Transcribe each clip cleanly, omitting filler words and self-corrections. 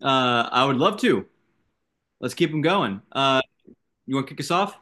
I would love to. Let's keep them going. You want to kick us off?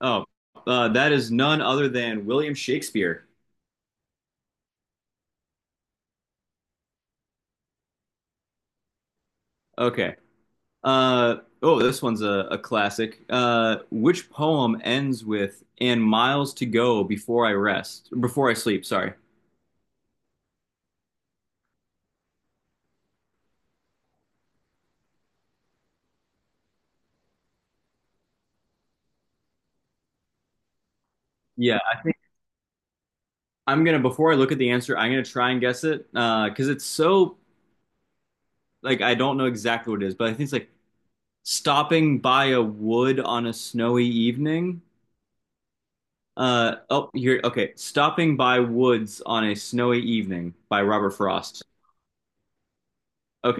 Oh, that is none other than William Shakespeare. Okay. Oh, this one's a classic. Which poem ends with "and miles to go before I rest, before I sleep"? Sorry. Yeah, I think I'm gonna. Before I look at the answer, I'm gonna try and guess it, because it's so like I don't know exactly what it is, but I think it's like stopping by a wood on a snowy evening. Oh, here. Okay. Stopping by Woods on a Snowy Evening by Robert Frost. Okay.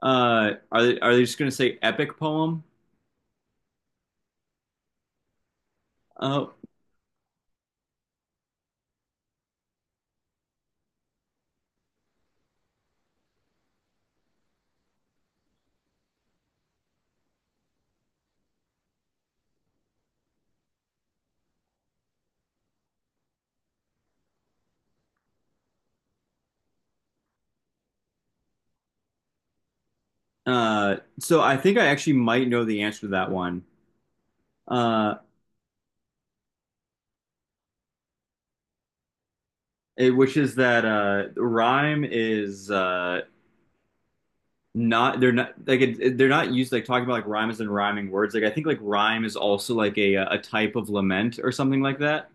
Are they just going to say epic poem? Oh, so I think I actually might know the answer to that one. Uh, it, which is that rhyme is not they're not like it, they're not used like talking about like rhymes and rhyming words. Like I think like rhyme is also like a type of lament or something like that.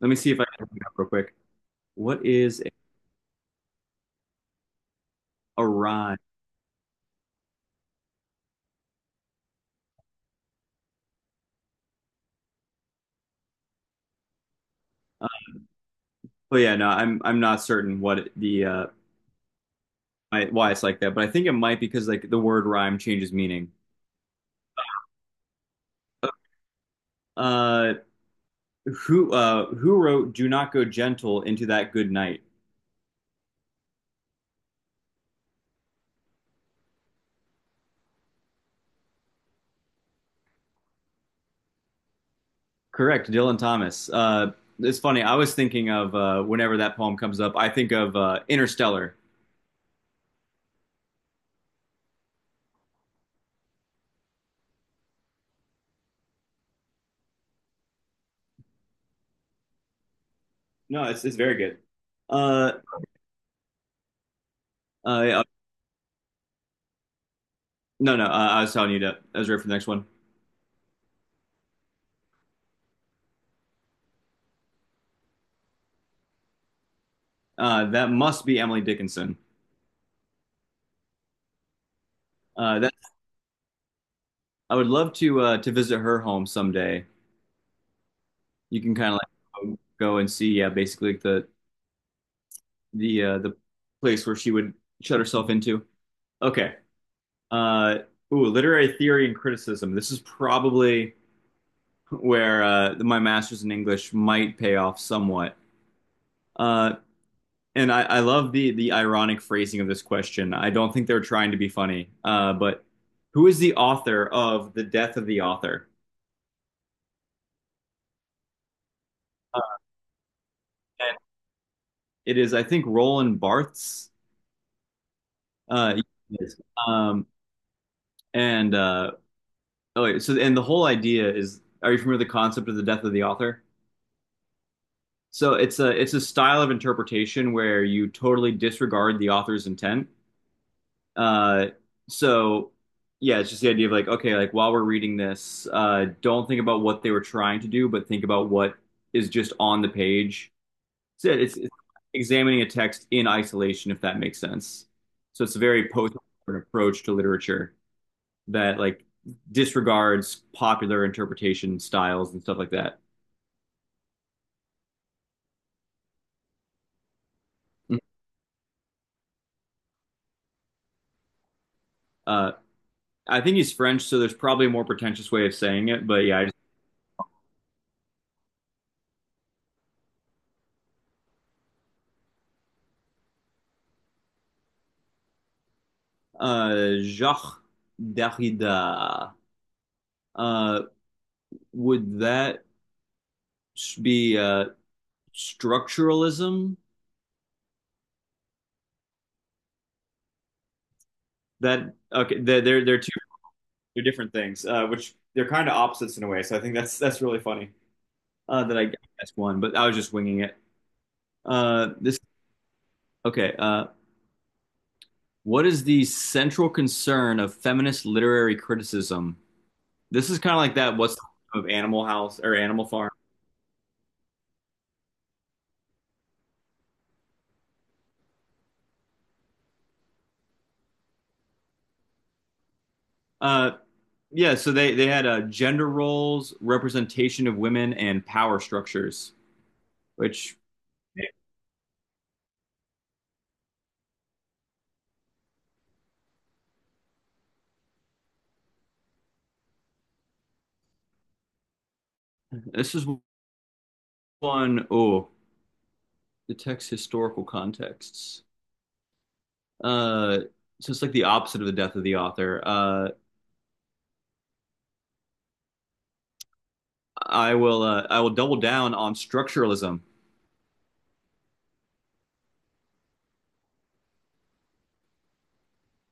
Let me see if I can look it up real quick. What is a rhyme? Well, yeah, no, I'm not certain why it's like that, but I think it might because like the word rhyme changes meaning. Uh, who wrote "Do not go gentle into that good night"? Correct, Dylan Thomas. It's funny. I was thinking of whenever that poem comes up, I think of Interstellar. No, it's very good. Uh, yeah, no, no, I was telling you that. I was ready for the next one. That must be Emily Dickinson. That I would love to visit her home someday. You can kind of like go and see, yeah, basically like the place where she would shut herself into. Okay. Uh, Ooh, literary theory and criticism. This is probably where my master's in English might pay off somewhat. Uh, and I love the ironic phrasing of this question. I don't think they're trying to be funny, but who is the author of The Death of the Author? And it is, I think, Roland Barthes. Uh, yes. um, and Oh, wait, so and the whole idea is, are you familiar with the concept of the death of the author? So it's a style of interpretation where you totally disregard the author's intent. Uh, so yeah, it's just the idea of like, okay, like while we're reading this, don't think about what they were trying to do, but think about what is just on the page. So yeah, it's examining a text in isolation, if that makes sense. So it's a very post approach to literature. That like disregards popular interpretation styles and stuff like that. Mhm. Uh, I think he's French, so there's probably a more pretentious way of saying it, but yeah, I just, Jacques Derrida. Uh, would that be structuralism? That okay? They're two they're different things, which they're kind of opposites in a way. So I think that's really funny, that I guessed one, but I was just winging it. This Okay? What is the central concern of feminist literary criticism? This is kind of like that. What's of Animal House or Animal Farm? Uh, yeah. So they had gender roles, representation of women, and power structures. Which this is one. Oh, the text historical contexts. Uh, so it's like the opposite of the death of the author. I will double down on structuralism.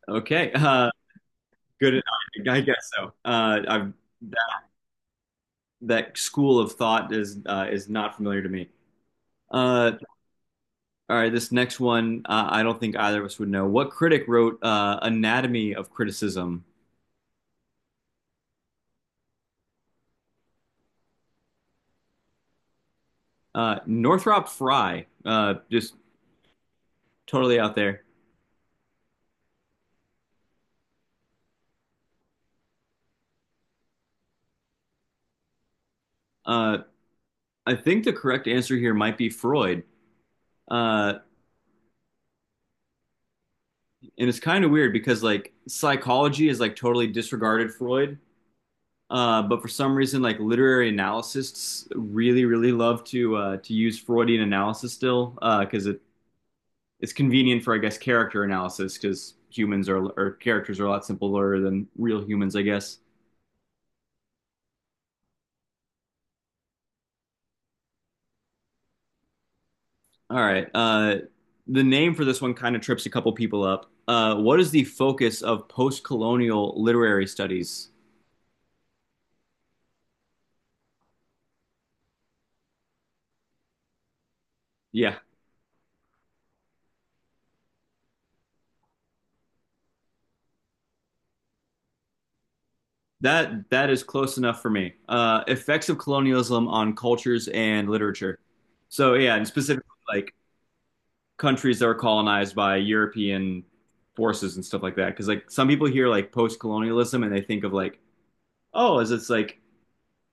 Okay. Good. I guess so. I've That school of thought is not familiar to me. Uh, all right, this next one, I don't think either of us would know. What critic wrote, Anatomy of Criticism? Northrop Frye, just totally out there. Uh, I think the correct answer here might be Freud. Uh, and it's kind of weird because like psychology is like totally disregarded Freud. But for some reason, like literary analysts really, really love to use Freudian analysis still because it's convenient for I guess character analysis because humans are or characters are a lot simpler than real humans, I guess. All right. The name for this one kind of trips a couple people up. What is the focus of post-colonial literary studies? Yeah, that is close enough for me. Effects of colonialism on cultures and literature. So yeah, and specifically like countries that were colonized by European forces and stuff like that. Because like some people hear like post-colonialism and they think of like oh, is it's like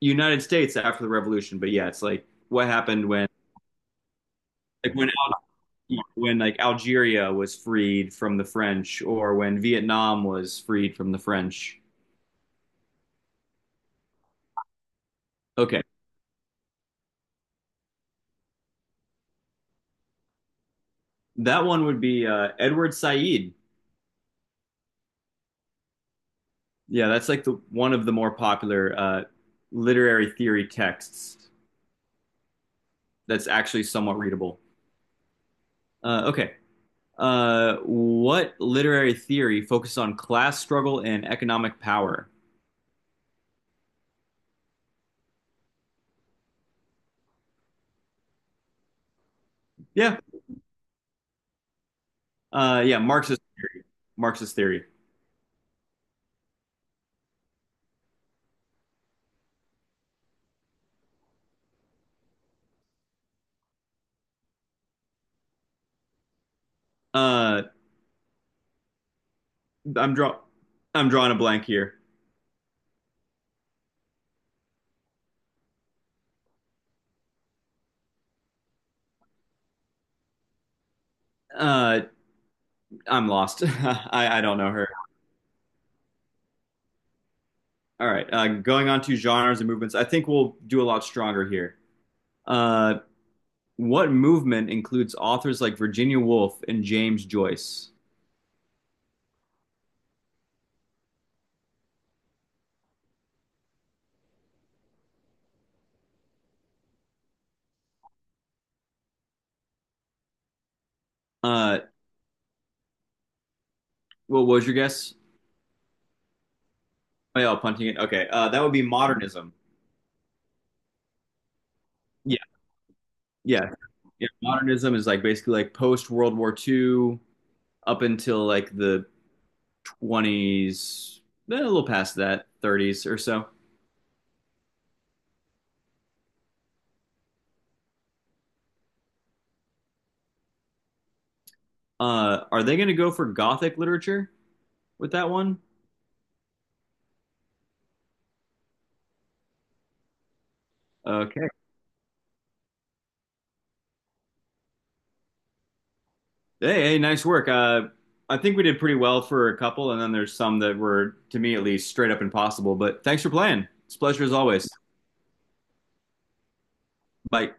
United States after the revolution, but yeah, it's like what happened when like when Al- when like Algeria was freed from the French or when Vietnam was freed from the French. Okay. That one would be, Edward Said. Yeah, that's like the one of the more popular, literary theory texts that's actually somewhat readable. Okay. What literary theory focuses on class struggle and economic power? Yeah. Yeah, Marxist theory. Uh, I'm draw I'm drawing a blank here. Uh, I'm lost. I don't know her. All right. Going on to genres and movements, I think we'll do a lot stronger here. Uh, what movement includes authors like Virginia Woolf and James Joyce? Uh, what was your guess? Oh, yeah, punting it. Okay. That would be modernism. Yeah, yeah, yeah. Modernism is like basically like post World War II up until like the 20s, then a little past that, 30s or so. Are they going to go for Gothic literature with that one? Okay. Hey, hey, nice work. I think we did pretty well for a couple, and then there's some that were, to me at least, straight up impossible. But thanks for playing. It's a pleasure as always. Bye.